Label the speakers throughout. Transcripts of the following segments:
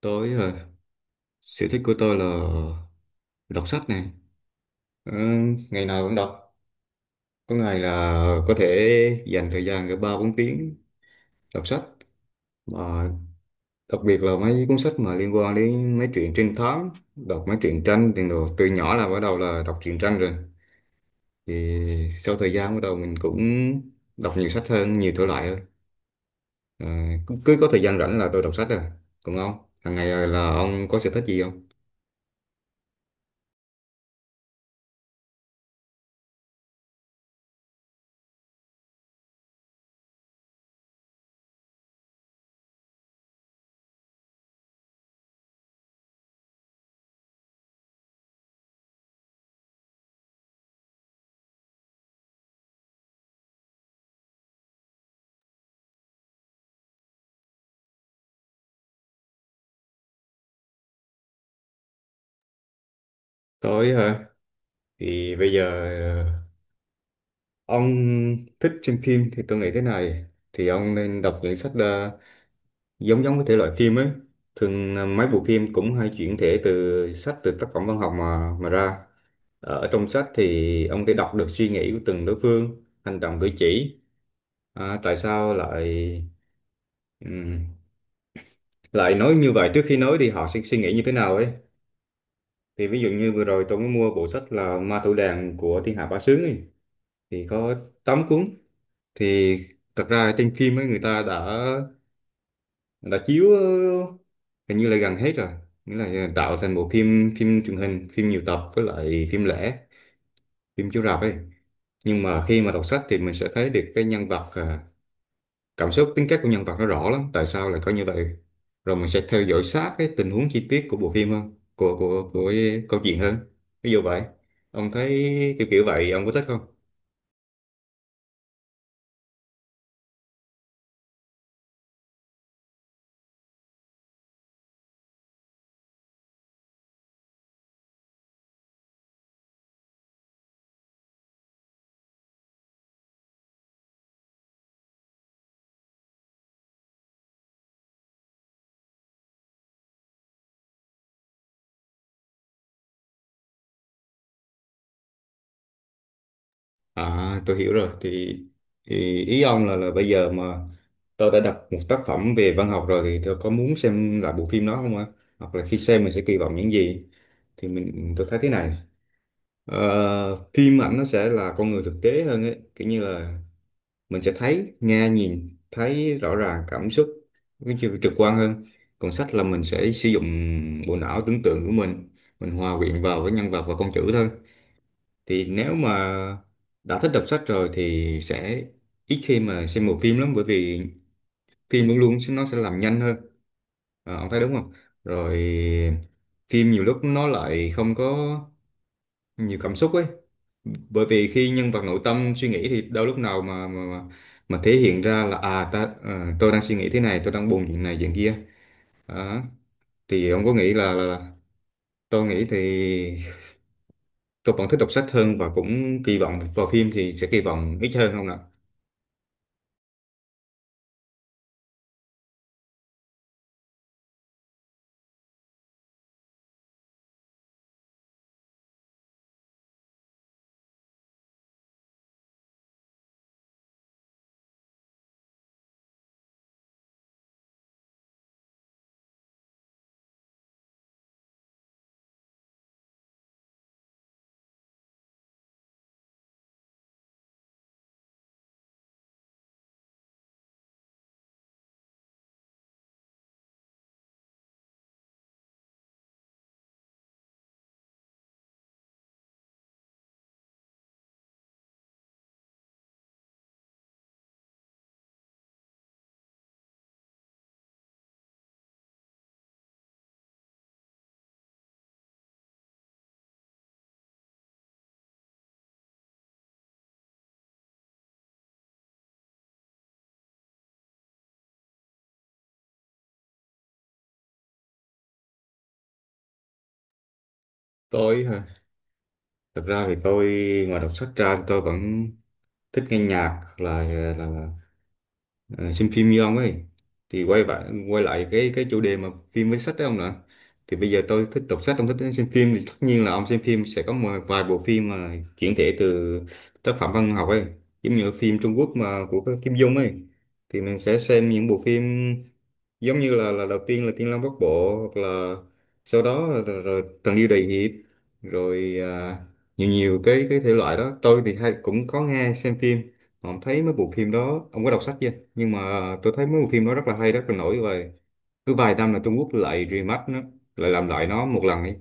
Speaker 1: tối ờ, Sở thích của tôi là đọc sách này. Ờ, Ngày nào cũng đọc. Có ngày là có thể dành thời gian cả ba bốn tiếng đọc sách. Mà đặc biệt là mấy cuốn sách mà liên quan đến mấy truyện trinh thám, đọc mấy truyện tranh thì đồ. Từ nhỏ là bắt đầu là đọc truyện tranh rồi. Thì sau thời gian bắt đầu mình cũng đọc nhiều sách hơn, nhiều thể loại hơn. Ờ, cứ có thời gian rảnh là tôi đọc sách à. Còn ông, hàng ngày là ông có sở thích gì không? Tối hả? Thì bây giờ ông thích xem phim thì tôi nghĩ thế này, thì ông nên đọc những sách giống giống với thể loại phim ấy. Thường mấy bộ phim cũng hay chuyển thể từ sách, từ tác phẩm văn học mà ra. Ờ, ở trong sách thì ông có thể đọc được suy nghĩ của từng đối phương, hành động cử chỉ, à, tại sao lại ừm, lại nói như vậy, trước khi nói thì họ sẽ suy nghĩ như thế nào ấy. Thì ví dụ như vừa rồi tôi mới mua bộ sách là Ma Thủ Đàn của Thiên Hạ Bá Sướng ấy. Thì có 8 cuốn. Thì thật ra trên phim ấy người ta đã chiếu hình như là gần hết rồi, nghĩa là tạo thành bộ phim, phim truyền hình, phim nhiều tập với lại phim lẻ, phim chiếu rạp ấy. Nhưng mà khi mà đọc sách thì mình sẽ thấy được cái nhân vật, à, cảm xúc tính cách của nhân vật nó rõ lắm, tại sao lại có như vậy. Rồi mình sẽ theo dõi sát cái tình huống chi tiết của bộ phim hơn, của cái câu chuyện hơn, ví dụ vậy. Ông thấy kiểu kiểu vậy ông có thích không? À, tôi hiểu rồi. Thì ý ông là bây giờ mà tôi đã đọc một tác phẩm về văn học rồi thì tôi có muốn xem lại bộ phim đó không ạ? Hoặc là khi xem mình sẽ kỳ vọng những gì? Thì tôi thấy thế này. Ờ, phim ảnh nó sẽ là con người thực tế hơn ấy. Kiểu như là mình sẽ thấy, nghe, nhìn, thấy rõ ràng cảm xúc, cái chiều trực quan hơn. Còn sách là mình sẽ sử dụng bộ não tưởng tượng của mình hòa quyện vào với nhân vật và con chữ thôi. Thì nếu mà đã thích đọc sách rồi thì sẽ ít khi mà xem bộ phim lắm, bởi vì phim luôn luôn nó sẽ làm nhanh hơn. Ờ, ông thấy đúng không? Rồi phim nhiều lúc nó lại không có nhiều cảm xúc ấy, bởi vì khi nhân vật nội tâm suy nghĩ thì đâu lúc nào mà thể hiện ra là à ta, tôi đang suy nghĩ thế này, tôi đang buồn chuyện này chuyện kia. Đó. Thì ông có nghĩ là, là tôi nghĩ thì tôi vẫn thích đọc sách hơn, và cũng kỳ vọng vào phim thì sẽ kỳ vọng ít hơn không ạ? Tôi hả? Thật ra thì tôi, ngoài đọc sách ra thì tôi vẫn thích nghe nhạc là Ờ, xem phim như ông ấy. Thì quay lại cái chủ đề mà phim với sách đấy ông nè. Thì bây giờ tôi thích đọc sách, ông thích xem phim thì tất nhiên là ông xem phim sẽ có một vài bộ phim mà chuyển thể từ tác phẩm văn học ấy, giống như phim Trung Quốc mà của cái Kim Dung ấy. Thì mình sẽ xem những bộ phim giống như là đầu tiên là Thiên Long Bát Bộ, hoặc là sau đó rồi Tần Liêu Đại Hiệp, rồi à, nhiều nhiều cái thể loại đó tôi thì hay cũng có nghe xem phim. Mà ông thấy mấy bộ phim đó ông có đọc sách chưa? Nhưng mà tôi thấy mấy bộ phim đó rất là hay, rất là nổi, và cứ vài năm là Trung Quốc lại remake nó, lại làm lại nó một lần ấy.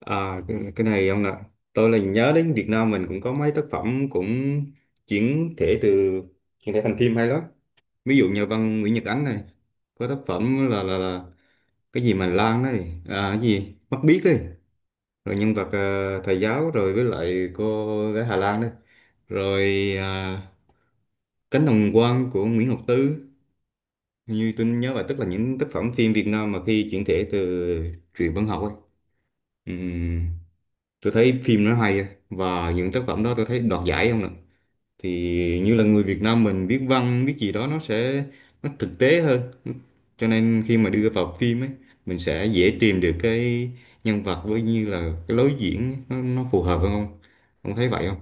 Speaker 1: À cái này ông nè, tôi là nhớ đến Việt Nam mình cũng có mấy tác phẩm cũng chuyển thể từ chuyển thể thành phim hay lắm. Ví dụ nhà văn Nguyễn Nhật Ánh này có tác phẩm là cái gì mà Lan này, à cái gì Mắt Biếc đấy, rồi nhân vật thầy giáo rồi với lại cô gái Hà Lan đây, rồi à, Cánh đồng quan của Nguyễn Ngọc Tư. Hình như tôi nhớ là, tức là những tác phẩm phim Việt Nam mà khi chuyển thể từ truyện văn học ấy, ừm, tôi thấy phim nó hay á. Và những tác phẩm đó tôi thấy đoạt giải không nè. Thì như là người Việt Nam mình viết văn viết gì đó nó sẽ nó thực tế hơn, cho nên khi mà đưa vào phim ấy mình sẽ dễ tìm được cái nhân vật với như là cái lối diễn ấy, nó phù hợp hơn không, ông thấy vậy không?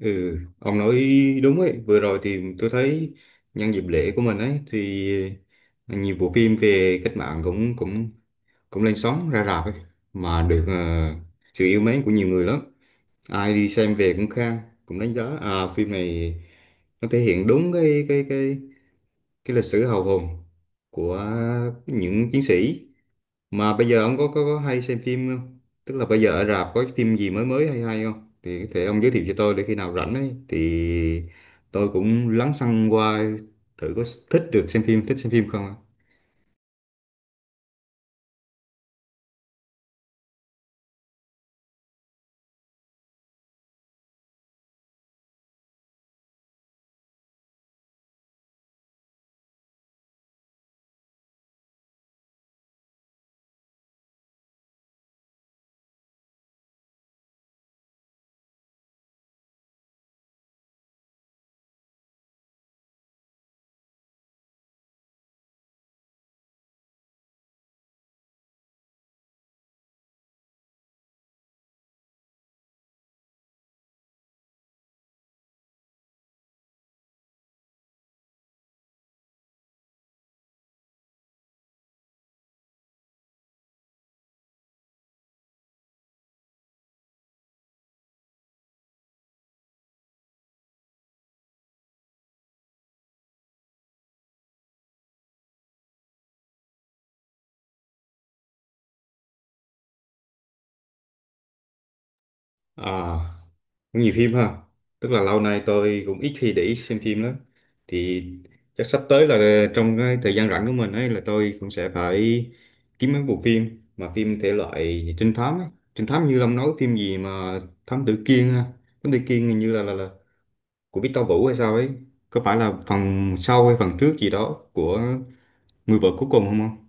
Speaker 1: Ừ, ông nói đúng ấy. Vừa rồi thì tôi thấy nhân dịp lễ của mình ấy thì nhiều bộ phim về cách mạng cũng cũng cũng lên sóng ra rạp ấy, mà được sự yêu mến của nhiều người lắm. Ai đi xem về cũng khen, cũng đánh giá à phim này nó thể hiện đúng cái lịch sử hào hùng của những chiến sĩ. Mà bây giờ ông có hay xem phim không? Tức là bây giờ ở rạp có cái phim gì mới mới hay hay không? Thì có thể ông giới thiệu cho tôi để khi nào rảnh ấy thì tôi cũng lắng xăng qua thử, có thích được xem phim, thích xem phim không ạ? À, cũng nhiều phim ha. Tức là lâu nay tôi cũng ít khi để ý xem phim lắm. Thì chắc sắp tới là trong cái thời gian rảnh của mình ấy, là tôi cũng sẽ phải kiếm mấy bộ phim mà phim thể loại trinh thám ấy. Trinh thám như Long nói phím gì mà thám tử Kiên ha. Thám tử Kiên hình như là của Victor Vũ hay sao ấy, có phải là phần sau hay phần trước gì đó của Người vợ cuối cùng không ông?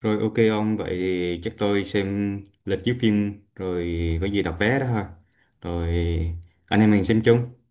Speaker 1: Rồi, ok ông, vậy thì chắc tôi xem lịch chiếu phim rồi, có gì đặt vé đó ha. Rồi anh em mình xem chung.